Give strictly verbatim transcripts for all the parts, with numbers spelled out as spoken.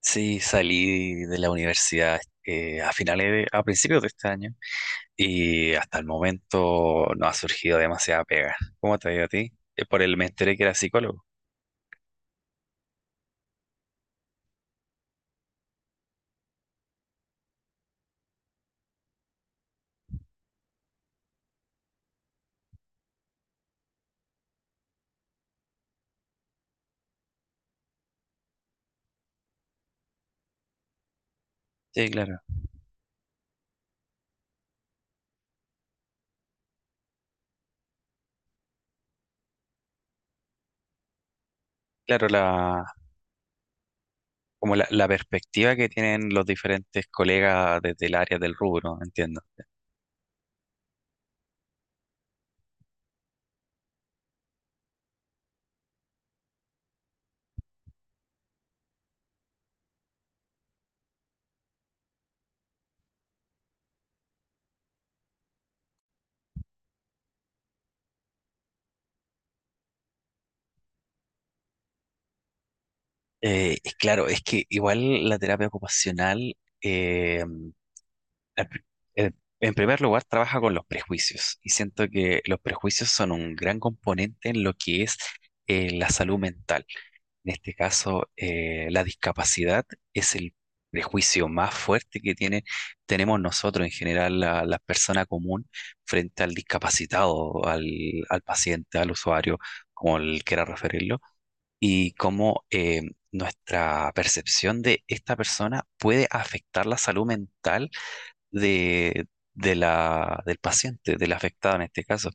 Sí, salí de la universidad eh, a finales de- a principios de este año y hasta el momento no ha surgido demasiada pega. ¿Cómo te ha ido a ti? Eh, por el me enteré que era psicólogo. Sí, claro. Claro, la, como la, la perspectiva que tienen los diferentes colegas desde el área del rubro, entiendo. Eh, es claro, es que igual la terapia ocupacional eh, En pr- en- en primer lugar, trabaja con los prejuicios y siento que los prejuicios son un gran componente en lo que es eh, la salud mental. En este caso, eh, la discapacidad es el prejuicio más fuerte que tiene, tenemos nosotros en general, la, la persona común, frente al discapacitado, al, al paciente, al usuario, como él quiera referirlo, y cómo eh, nuestra percepción de esta persona puede afectar la salud mental de, de la, del paciente, del afectado en este caso.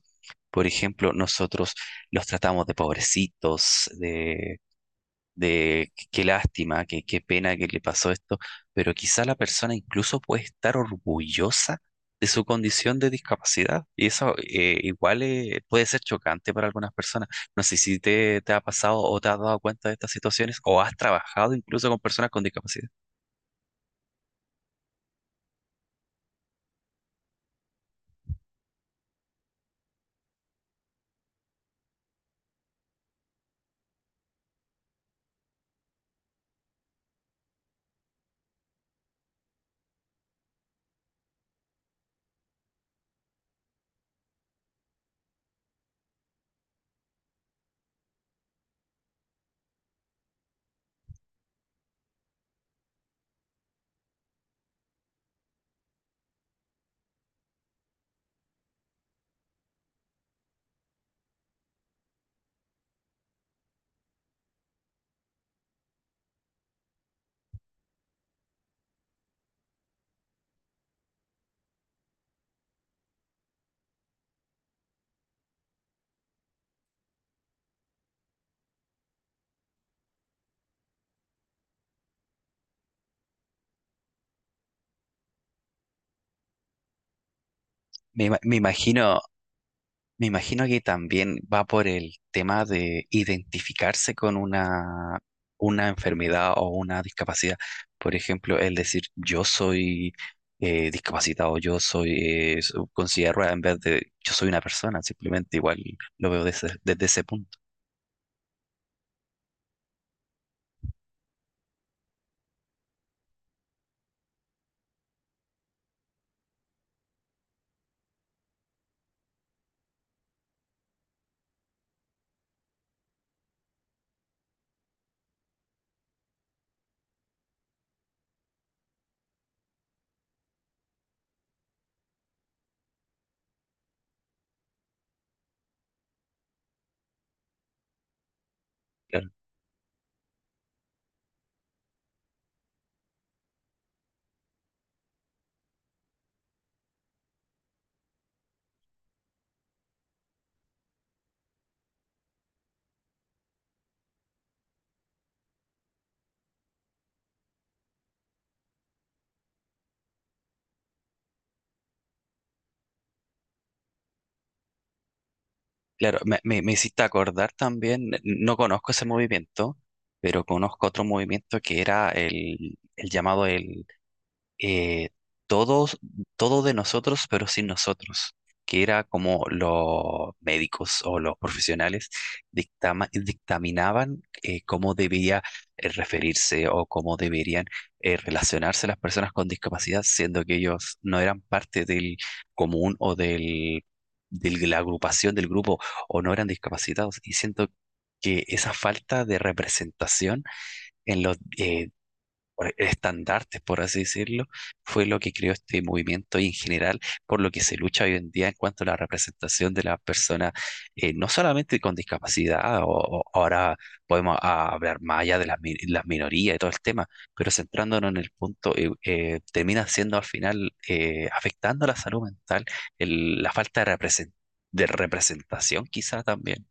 Por ejemplo, nosotros los tratamos de pobrecitos, de, de qué qué lástima, qué, qué pena que le pasó esto, pero quizá la persona incluso puede estar orgullosa de su condición de discapacidad. Y eso, eh, igual eh, puede ser chocante para algunas personas. No sé si te, te ha pasado o te has dado cuenta de estas situaciones o has trabajado incluso con personas con discapacidad. Me, ima- me imagino Me imagino que también va por el tema de identificarse con una, una enfermedad o una discapacidad. Por ejemplo, el decir yo soy eh, discapacitado, yo soy eh, so- con silla de ruedas, en vez de yo soy una persona, simplemente igual lo veo desde, desde ese punto. Claro. Claro, me, me, me hiciste acordar también, n- no conozco ese movimiento, pero conozco otro movimiento que era el, el llamado eh, todos, todo de nosotros, pero sin nosotros, que era como los médicos o los profesionales dictama- dictaminaban eh, cómo debía eh, referirse o cómo deberían eh, relacionarse las personas con discapacidad, siendo que ellos no eran parte del común o del, de la agrupación del grupo o no eran discapacitados. Y siento que esa falta de representación en los eh, por- estandartes, por así decirlo, fue lo que creó este movimiento y en general por lo que se lucha hoy en día en cuanto a la representación de las personas, eh, no solamente con discapacidad, o, o ahora podemos ah, hablar más allá de las, mi- las minorías y todo el tema, pero centrándonos en el punto, eh, eh, termina siendo al final eh, afectando la salud mental, el- la falta de represen- de representación quizá también.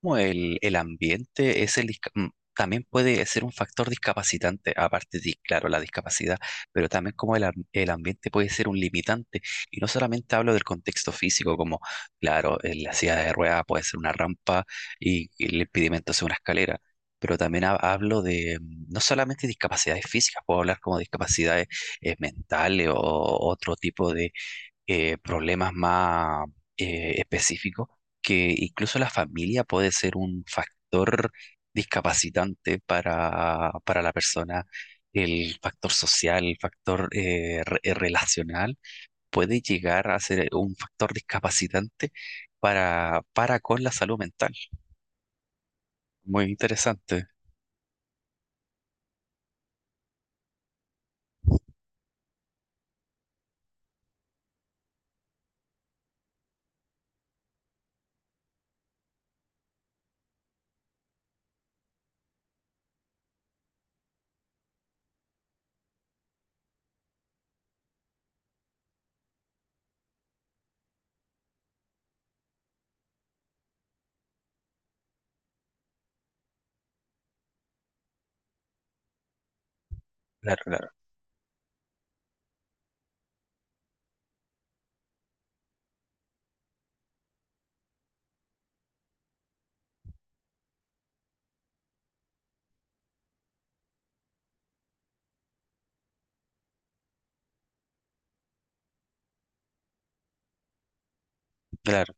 Como el, el ambiente es el, disca- mm, también puede ser un factor discapacitante, aparte de, claro, la discapacidad, pero también como el, am- el ambiente puede ser un limitante. Y no solamente hablo del contexto físico, como, claro, en la silla de ruedas puede ser una rampa y, y el impedimento es una escalera. Pero también ha- hablo de mm, no solamente discapacidades físicas, puedo hablar como discapacidades eh, mentales o otro tipo eh, problemas más eh, específicos, que incluso la familia puede ser un factor discapacitante para, para la persona. El factor social, el factor eh, re- eh, relacional puede llegar a ser un factor discapacitante para, para con la salud mental. Muy interesante. Claro, claro, claro.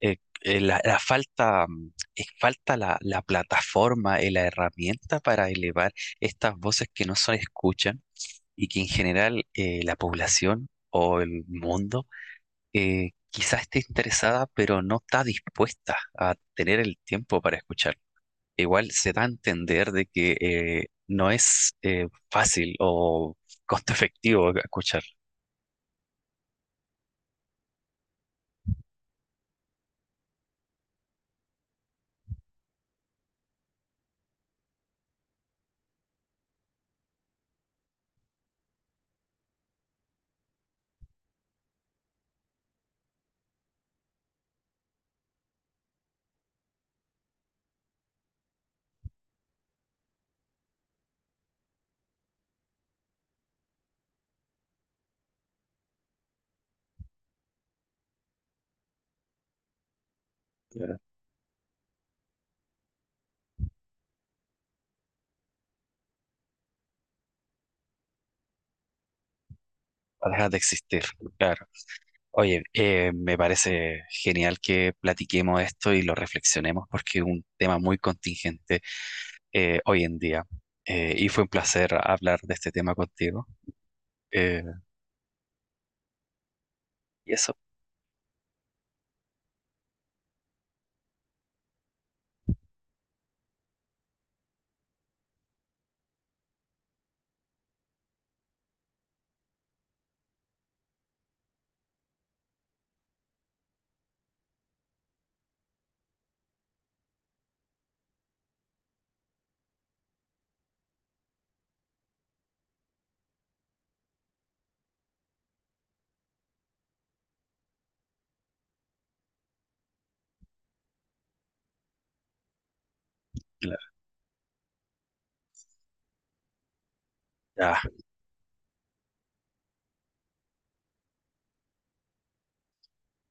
eh, eh, la, la falta, mm, eh, falta la, la plataforma y la herramienta para elevar estas voces que no se escuchan y que en general, eh, la población o el mundo eh, quizás esté interesada, pero no está dispuesta a tener el tiempo para escuchar. Igual se da a entender de que eh, no es eh, fácil o costo efectivo escuchar, dejar de existir, claro. Oye, eh, me parece genial que platiquemos esto y lo reflexionemos porque es un tema muy contingente eh, hoy en día. Eh, y fue un placer hablar de este tema contigo. Eh, y eso, la- ah,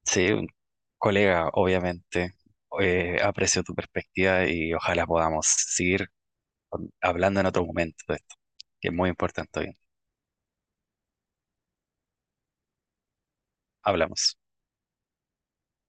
sí, un colega, obviamente, eh, aprecio tu perspectiva y ojalá podamos seguir con- hablando en otro momento de esto, que es muy importante hoy. Hablamos.